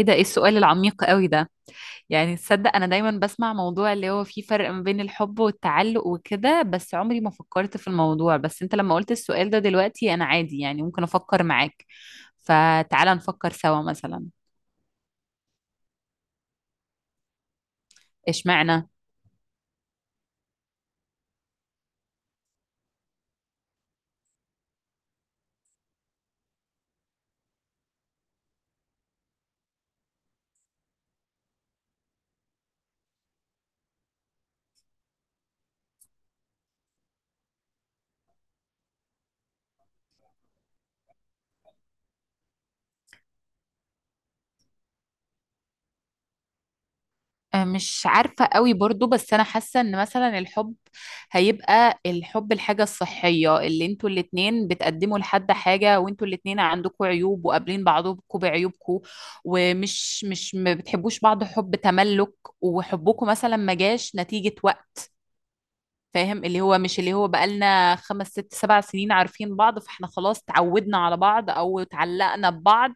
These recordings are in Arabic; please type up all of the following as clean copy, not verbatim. ايه ده، ايه السؤال العميق قوي ده؟ يعني تصدق انا دايما بسمع موضوع اللي هو فيه فرق ما بين الحب والتعلق وكده، بس عمري ما فكرت في الموضوع. بس انت لما قلت السؤال ده دلوقتي، انا عادي، يعني ممكن افكر معاك. فتعالى نفكر سوا. مثلا اشمعنى. مش عارفة قوي برضو، بس أنا حاسة إن مثلا الحب هيبقى الحب الحاجة الصحية اللي انتوا الاتنين بتقدموا لحد حاجة، وانتوا الاتنين عندكوا عيوب وقابلين بعضكوا بعيوبكوا، ومش مش ما بتحبوش بعض حب تملك، وحبكوا مثلا ما جاش نتيجة وقت. فاهم؟ اللي هو مش اللي هو بقالنا خمس ست سبع سنين عارفين بعض، فاحنا خلاص تعودنا على بعض او اتعلقنا ببعض.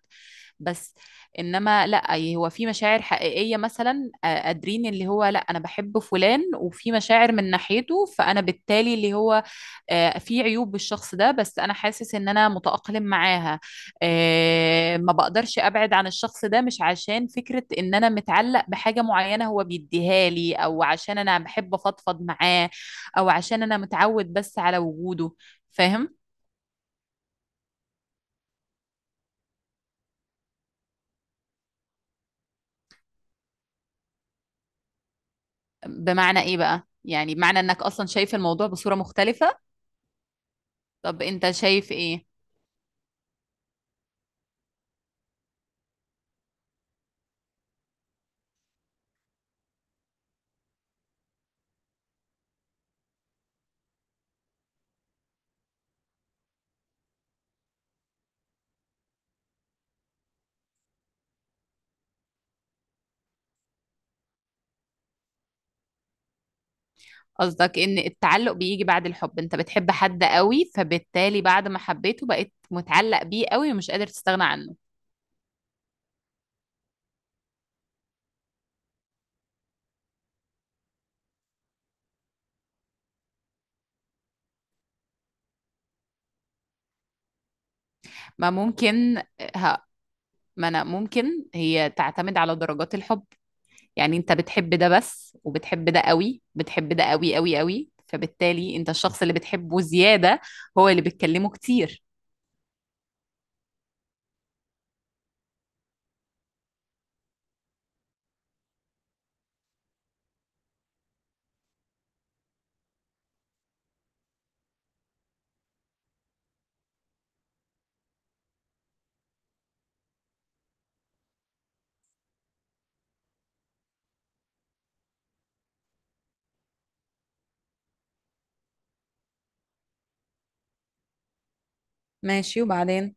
بس انما لا، هو في مشاعر حقيقية مثلا. قادرين اللي هو، لا انا بحب فلان وفي مشاعر من ناحيته، فانا بالتالي اللي هو في عيوب بالشخص ده، بس انا حاسس ان انا متأقلم معاها. ما بقدرش ابعد عن الشخص ده، مش عشان فكرة ان انا متعلق بحاجة معينة هو بيديها لي، او عشان انا بحب افضفض معاه، او عشان انا متعود بس على وجوده. فاهم؟ بمعنى ايه بقى؟ يعني بمعنى انك اصلا شايف الموضوع بصورة مختلفة؟ طب انت شايف ايه؟ قصدك ان التعلق بيجي بعد الحب؟ انت بتحب حد قوي، فبالتالي بعد ما حبيته بقيت متعلق بيه قوي ومش قادر تستغنى عنه؟ ما ممكن. ها. ما انا ممكن. هي تعتمد على درجات الحب. يعني انت بتحب ده بس، وبتحب ده قوي، بتحب ده قوي قوي قوي، فبالتالي انت الشخص اللي بتحبه زيادة هو اللي بتكلمه كتير. ماشي، وبعدين؟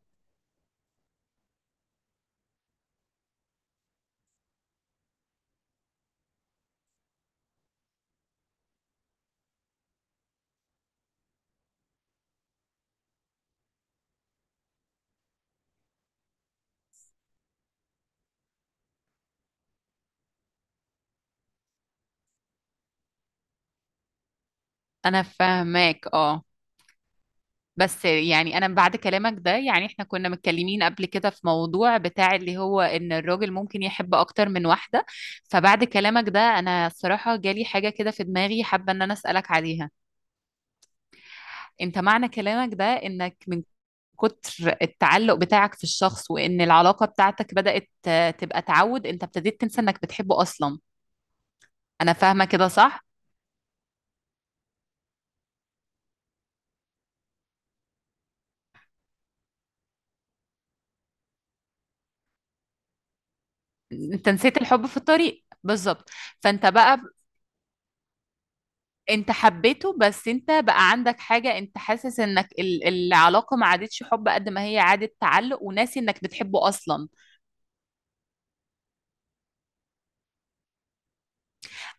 انا فاهماك، اه. بس يعني انا بعد كلامك ده، يعني احنا كنا متكلمين قبل كده في موضوع بتاع اللي هو ان الراجل ممكن يحب اكتر من واحدة. فبعد كلامك ده، انا الصراحة جالي حاجة كده في دماغي، حابة ان انا اسألك عليها. انت معنى كلامك ده انك من كتر التعلق بتاعك في الشخص وان العلاقة بتاعتك بدأت تبقى تعود، انت ابتديت تنسى انك بتحبه اصلا. انا فاهمة كده صح؟ انت نسيت الحب في الطريق بالظبط. فانت بقى، أنت حبيته، بس أنت بقى عندك حاجة، أنت حاسس إنك العلاقة ما عادتش حب قد ما هي عادت تعلق، وناسي إنك بتحبه أصلا.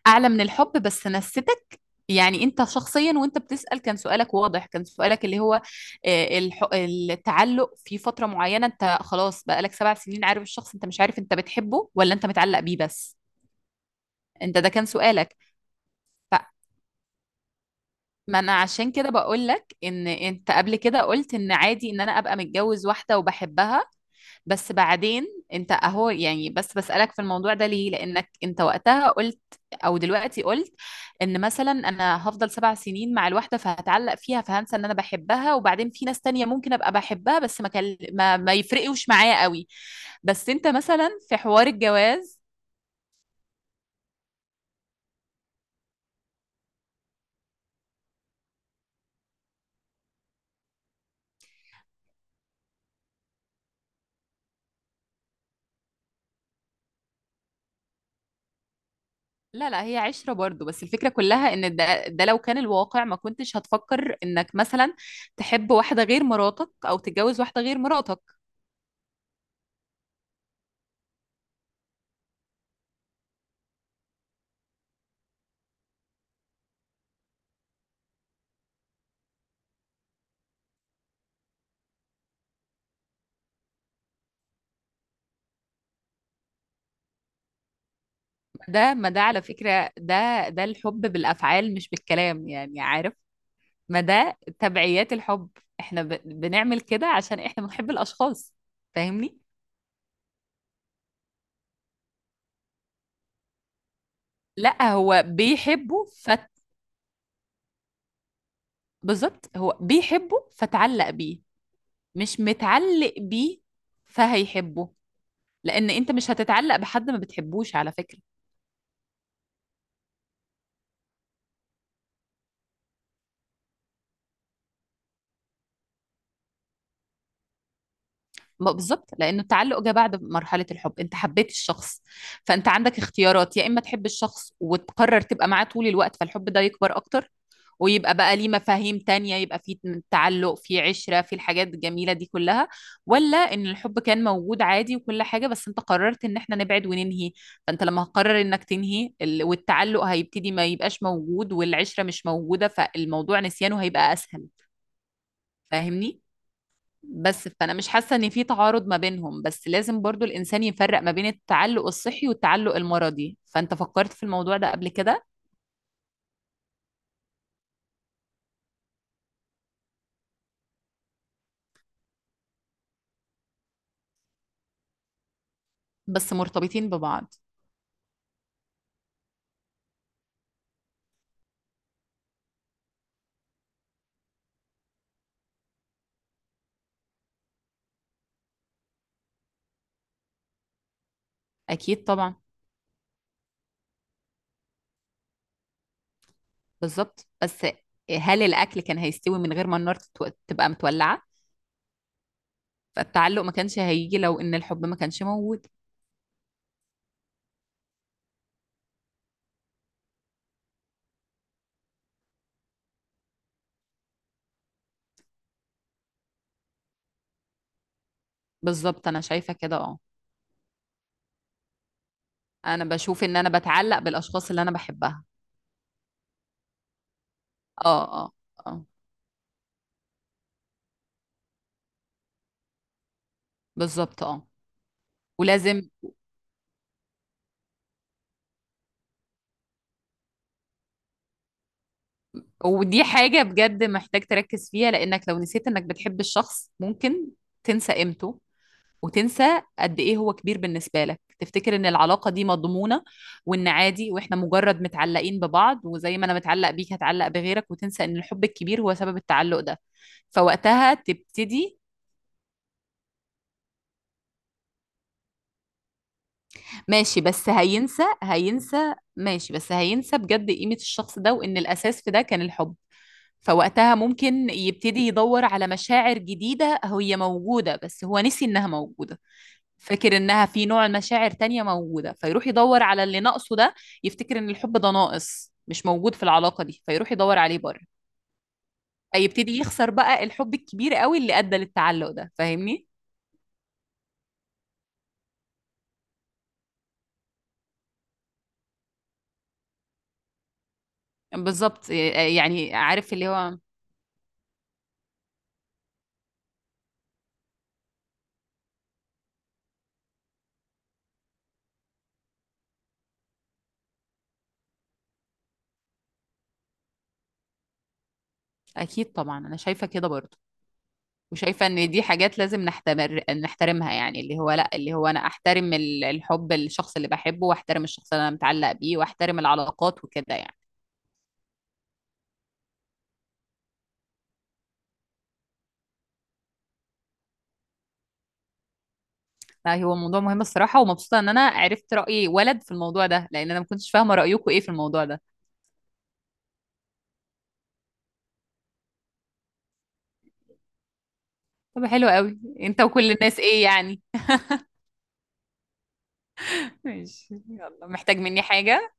أعلى من الحب، بس نستك. يعني أنت شخصيا وأنت بتسأل، كان سؤالك واضح، كان سؤالك اللي هو التعلق في فترة معينة، أنت خلاص بقالك سبع سنين عارف الشخص، أنت مش عارف أنت بتحبه ولا أنت متعلق بيه بس. أنت ده كان سؤالك. ف ما انا عشان كده بقول لك ان انت قبل كده قلت ان عادي ان انا ابقى متجوز واحده وبحبها. بس بعدين انت اهو، يعني بس بسألك في الموضوع ده ليه، لانك انت وقتها قلت او دلوقتي قلت ان مثلا انا هفضل سبع سنين مع الواحده، فهتعلق فيها، فهنسى ان انا بحبها، وبعدين في ناس تانية ممكن ابقى بحبها، بس ما يفرقوش معايا قوي. بس انت مثلا في حوار الجواز. لا لا، هي عشرة برضو، بس الفكرة كلها ان ده لو كان الواقع ما كنتش هتفكر انك مثلا تحب واحدة غير مراتك او تتجوز واحدة غير مراتك. ده، ما ده على فكرة، ده الحب بالافعال مش بالكلام، يعني عارف. ما ده تبعيات الحب. احنا بنعمل كده عشان احنا بنحب الاشخاص. فاهمني؟ لا هو بيحبه بالظبط. هو بيحبه فتعلق بيه، مش متعلق بيه فهيحبه. لان انت مش هتتعلق بحد ما بتحبوش على فكرة. ما بالظبط، لانه التعلق جه بعد مرحله الحب، انت حبيت الشخص. فانت عندك اختيارات، يا اما تحب الشخص وتقرر تبقى معاه طول الوقت، فالحب ده يكبر اكتر ويبقى بقى ليه مفاهيم تانية، يبقى فيه تعلق، فيه عشرة، فيه الحاجات الجميلة دي كلها، ولا ان الحب كان موجود عادي وكل حاجة، بس انت قررت ان احنا نبعد وننهي. فانت لما هتقرر انك تنهي والتعلق هيبتدي ما يبقاش موجود، والعشرة مش موجودة، فالموضوع نسيانه هيبقى اسهل. فاهمني؟ بس فانا مش حاسه ان في تعارض ما بينهم، بس لازم برضو الانسان يفرق ما بين التعلق الصحي والتعلق المرضي. فانت فكرت في الموضوع ده قبل كده؟ بس مرتبطين ببعض. اكيد طبعا. بالظبط، بس هل الاكل كان هيستوي من غير ما النار تبقى متولعه؟ فالتعلق ما كانش هيجي لو ان الحب ما كانش موجود. بالظبط، انا شايفه كده اه. انا بشوف ان انا بتعلق بالاشخاص اللي انا بحبها. اه. اه. اه. بالظبط، اه. ولازم. ودي حاجة بجد محتاج تركز فيها، لأنك لو نسيت إنك بتحب الشخص، ممكن تنسى قيمته وتنسى قد إيه هو كبير بالنسبة لك، تفتكر إن العلاقة دي مضمونة، وإن عادي وإحنا مجرد متعلقين ببعض، وزي ما أنا متعلق بيك هتعلق بغيرك، وتنسى إن الحب الكبير هو سبب التعلق ده. فوقتها تبتدي. ماشي، بس هينسى بجد قيمة الشخص ده، وإن الأساس في ده كان الحب. فوقتها ممكن يبتدي يدور على مشاعر جديدة هي موجودة، بس هو نسي إنها موجودة. فاكر إنها في نوع مشاعر تانية موجودة، فيروح يدور على اللي ناقصه ده. يفتكر إن الحب ده ناقص مش موجود في العلاقة دي، فيروح يدور عليه بره، فيبتدي يخسر بقى الحب الكبير قوي اللي أدى للتعلق ده. فاهمني؟ بالظبط، يعني عارف اللي هو. أكيد طبعا، أنا شايفة كده برضه، وشايفة ان دي حاجات لازم نحتمر نحترمها، يعني اللي هو لا، اللي هو انا احترم الحب للشخص اللي بحبه، واحترم الشخص اللي انا متعلق بيه، واحترم العلاقات وكده يعني. لا هو موضوع مهم الصراحة، ومبسوطة ان انا عرفت رأي ولد في الموضوع ده، لان انا ما كنتش فاهمة رأيكم ايه في الموضوع ده. طب حلو قوي انت وكل الناس، ايه يعني؟ ماشي، يلا محتاج مني حاجة؟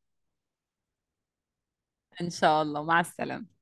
ان شاء الله، مع السلامة.